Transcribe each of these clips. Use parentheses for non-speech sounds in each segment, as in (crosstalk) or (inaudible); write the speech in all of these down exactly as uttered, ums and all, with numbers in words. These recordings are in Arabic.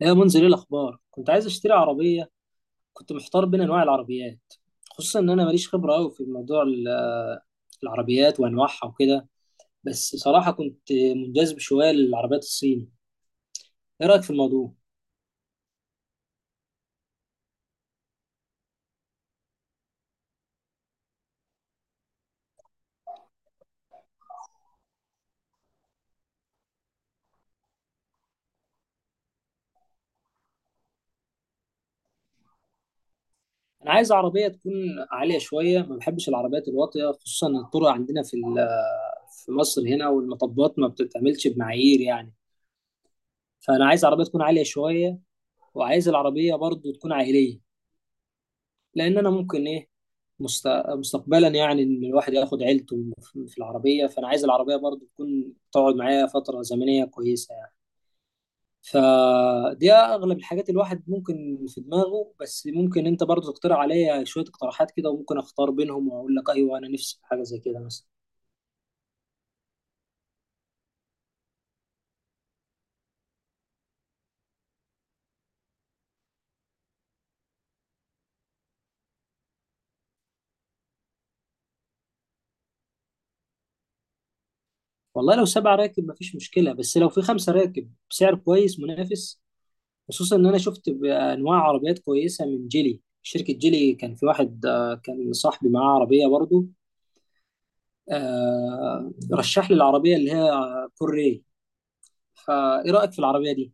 يا منزل، ايه الاخبار؟ كنت عايز اشتري عربيه. كنت محتار بين انواع العربيات، خصوصا ان انا ماليش خبره قوي في موضوع ال- آه، العربيات وانواعها وكده. بس صراحه كنت منجذب شويه للعربيات الصيني. ايه رايك في الموضوع؟ انا عايز عربيه تكون عاليه شويه، ما بحبش العربيات الواطيه، خصوصا إن الطرق عندنا في ال- آه، في مصر هنا، والمطبات ما بتتعملش بمعايير يعني. فانا عايز عربيه تكون عاليه شويه، وعايز العربيه برضو تكون عائليه، لان انا ممكن ايه، مست... مستقبلا يعني ان الواحد ياخد عيلته في العربيه. فانا عايز العربيه برضو تكون تقعد معايا فتره زمنيه كويسه يعني. فدي اغلب الحاجات الواحد ممكن في دماغه، بس ممكن انت برضو تقترح عليا شويه اقتراحات كده، وممكن اختار بينهم واقول لك ايوه انا نفسي في حاجه زي كده مثلا. والله لو سبع راكب مفيش مشكله، بس لو في خمسه راكب بسعر كويس منافس. خصوصا ان انا شفت انواع عربيات كويسه من جيلي. شركه جيلي كان في واحد آه، كان صاحبي معاه عربيه برضو. آه رشح لي العربية اللي هي كوري. فإيه رأيك في العربية دي؟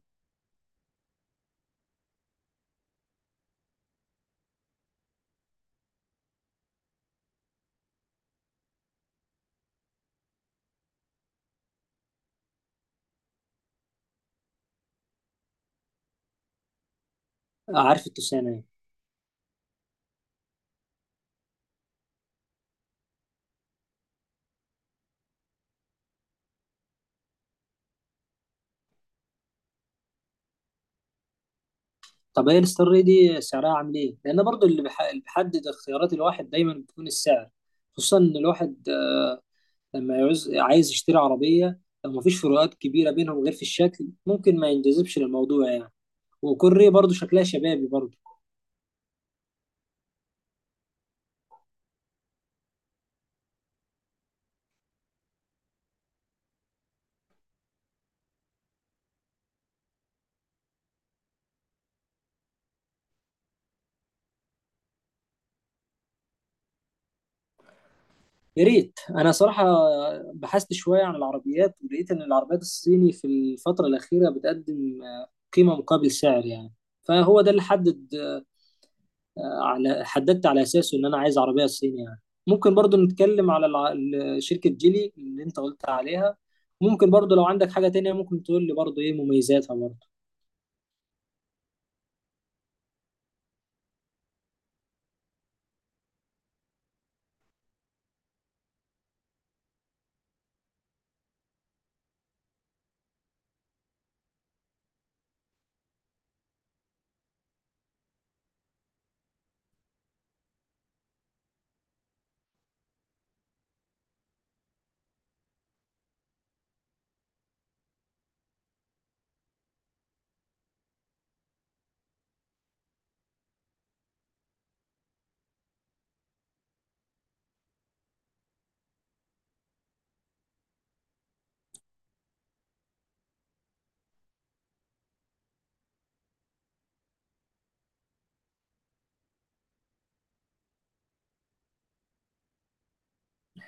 آه، عارف التوسانة يعني. طب هي الستار ري دي سعرها عامل إيه؟ لأن برضو اللي بح- اللي بيحدد اختيارات الواحد دايما بتكون السعر. خصوصا إن الواحد، آه، لما يعوز عايز يشتري عربية، لو مفيش فروقات كبيرة بينهم غير في الشكل، ممكن ما ينجذبش للموضوع يعني. وكوري برضو شكلها شبابي برضو. يا ريت. انا صراحه بحثت شويه عن العربيات، ولقيت ان العربيات الصيني في الفتره الاخيره بتقدم آه، قيمه مقابل سعر يعني. فهو ده اللي حدد آه، على حددت على اساسه ان انا عايز عربيه صيني يعني. ممكن برضو نتكلم على الع... ال- شركه جيلي اللي انت قلت عليها. ممكن برضو لو عندك حاجه تانية ممكن تقول لي برضو ايه مميزاتها برضو.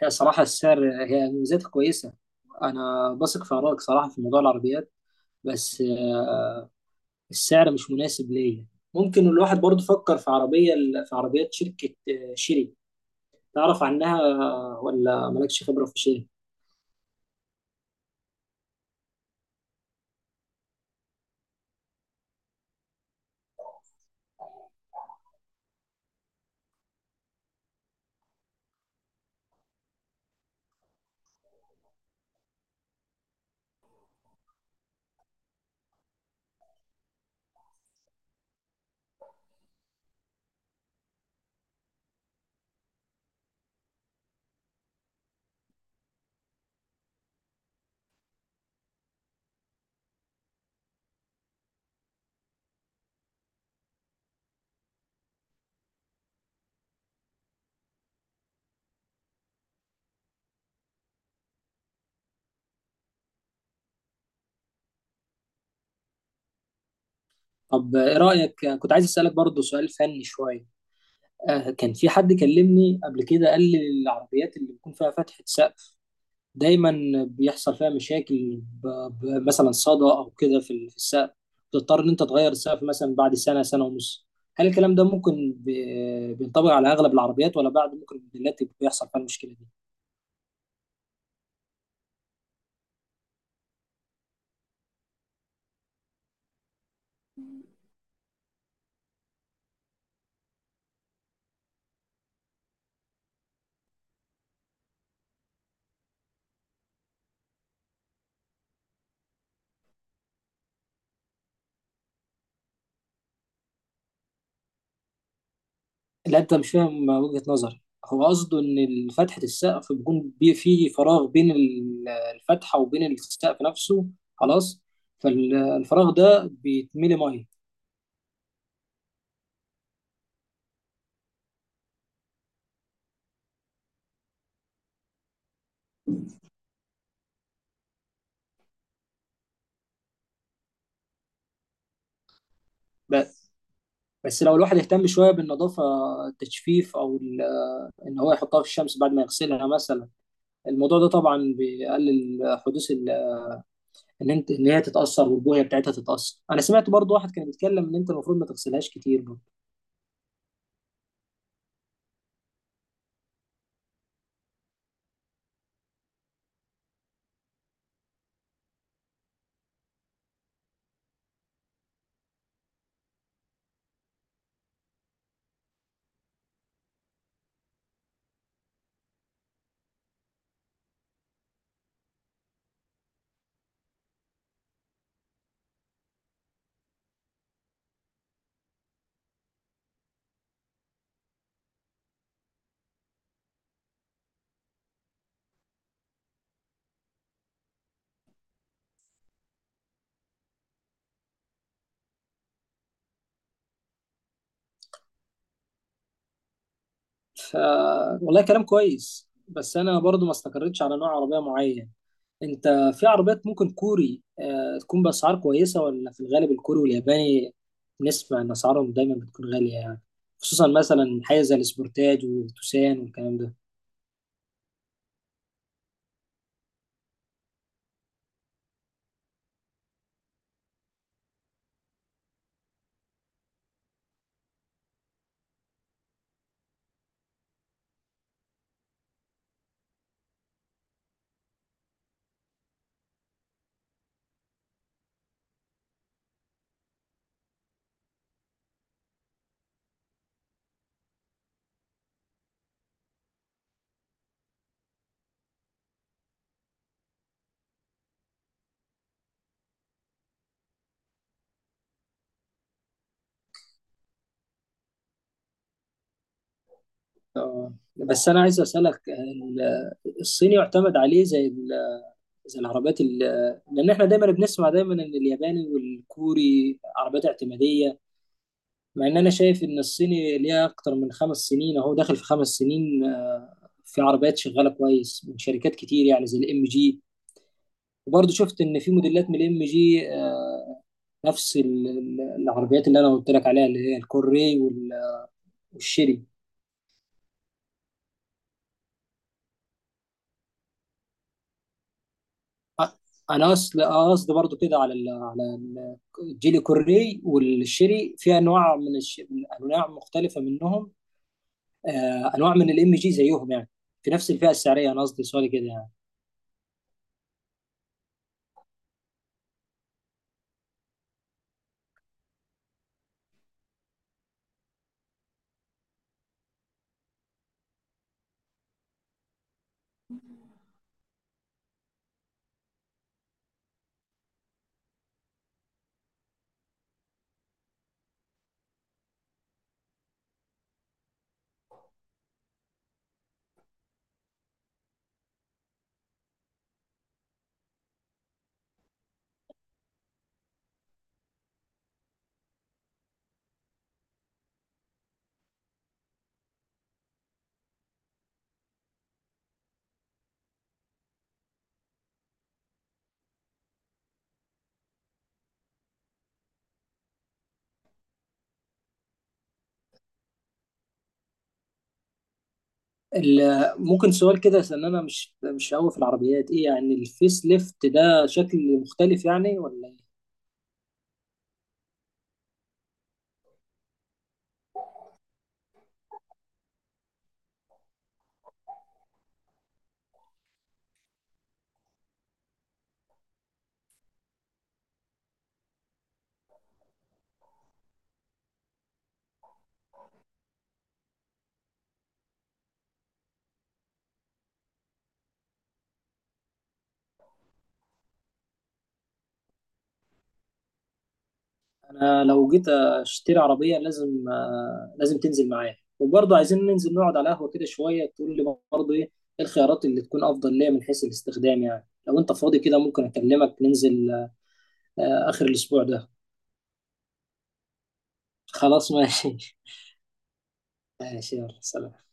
هي صراحه السعر. هي مميزاتها كويسه. انا بثق في ارائك صراحه في موضوع العربيات، بس السعر مش مناسب ليا. ممكن الواحد برضه فكر في عربية في عربيات شركة آه، شيري. تعرف عنها ولا مالكش خبرة في شيري؟ طب آه، ايه رأيك؟ آه، كنت عايز أسألك برضه سؤال فني شوية. آه، كان في حد كلمني قبل كده قال لي العربيات اللي بيكون فيها فتحة سقف دايما بيحصل فيها مشاكل، ب- ب- مثلا صدى أو كده في ال- في السقف. بتضطر إن أنت تغير السقف مثلا بعد سنة سنة ونص. هل الكلام ده ممكن ب- بينطبق على أغلب العربيات، ولا بعد ممكن الموديلات بيحصل فيها المشكلة دي؟ لا انت مش فاهم وجهة نظري. هو قصده ان ال- فتحة السقف بيكون بي- في فراغ بين ال- الفتحة وبين السقف نفسه. خلاص. فالفراغ ده بيتملي ميه. بس بس لو الواحد اهتم شوية بالنظافة، التجفيف، او ال- ان هو يحطها في الشمس بعد ما يغسلها مثلا، الموضوع ده طبعا بيقلل حدوث ال- ان انت ان هي تتأثر والبوية بتاعتها تتأثر. انا سمعت برضو واحد كان بيتكلم ان انت المفروض ما تغسلهاش كتير. ف والله كلام كويس، بس انا برضو ما استقريتش على نوع عربيه معين. انت، في عربيات ممكن كوري آه، تكون باسعار كويسه، ولا في الغالب الكوري والياباني نسمع ان اسعارهم دايما بتكون غاليه يعني؟ خصوصا مثلا حاجه زي السبورتاج والتوسان والكلام ده. آه، بس انا عايز اسالك، آه، ال- الصيني يعتمد عليه زي ال- زي العربيات ال- لان احنا دايما بنسمع دايما ان الياباني والكوري عربيات اعتماديه. مع ان انا شايف ان الصيني ليها اكتر من خمس سنين. اهو داخل في خمس سنين، آه، في عربيات شغاله كويس من شركات كتير يعني زي الام جي. وبرضه شفت ان في موديلات من الام جي نفس ال- ال- العربيات اللي انا قلت لك عليها اللي هي الكوري وال- والشيري. أ- انا اصل قصدي برضو كده على ال على ال- الجيل الكوري والشيري. في انواع من, الش... من انواع مختلفه منهم. آه، انواع من الام جي زيهم يعني، في نفس الفئه السعريه. انا قصدي سؤالي كده يعني. ال- ممكن سؤال كده عشان انا مش مش قوي في العربيات. ايه يعني الفيس ليفت ده؟ شكل مختلف يعني ولا إيه؟ انا لو جيت اشتري عربيه لازم، آه، لازم تنزل معايا. وبرضه عايزين ننزل نقعد على قهوه كده شويه تقول لي برضه ايه الخيارات اللي تكون افضل ليا من حيث الاستخدام يعني. لو انت فاضي كده ممكن اكلمك ننزل آه، اخر الاسبوع ده. خلاص. ماشي. (laughs) ماشي، يلا سلام.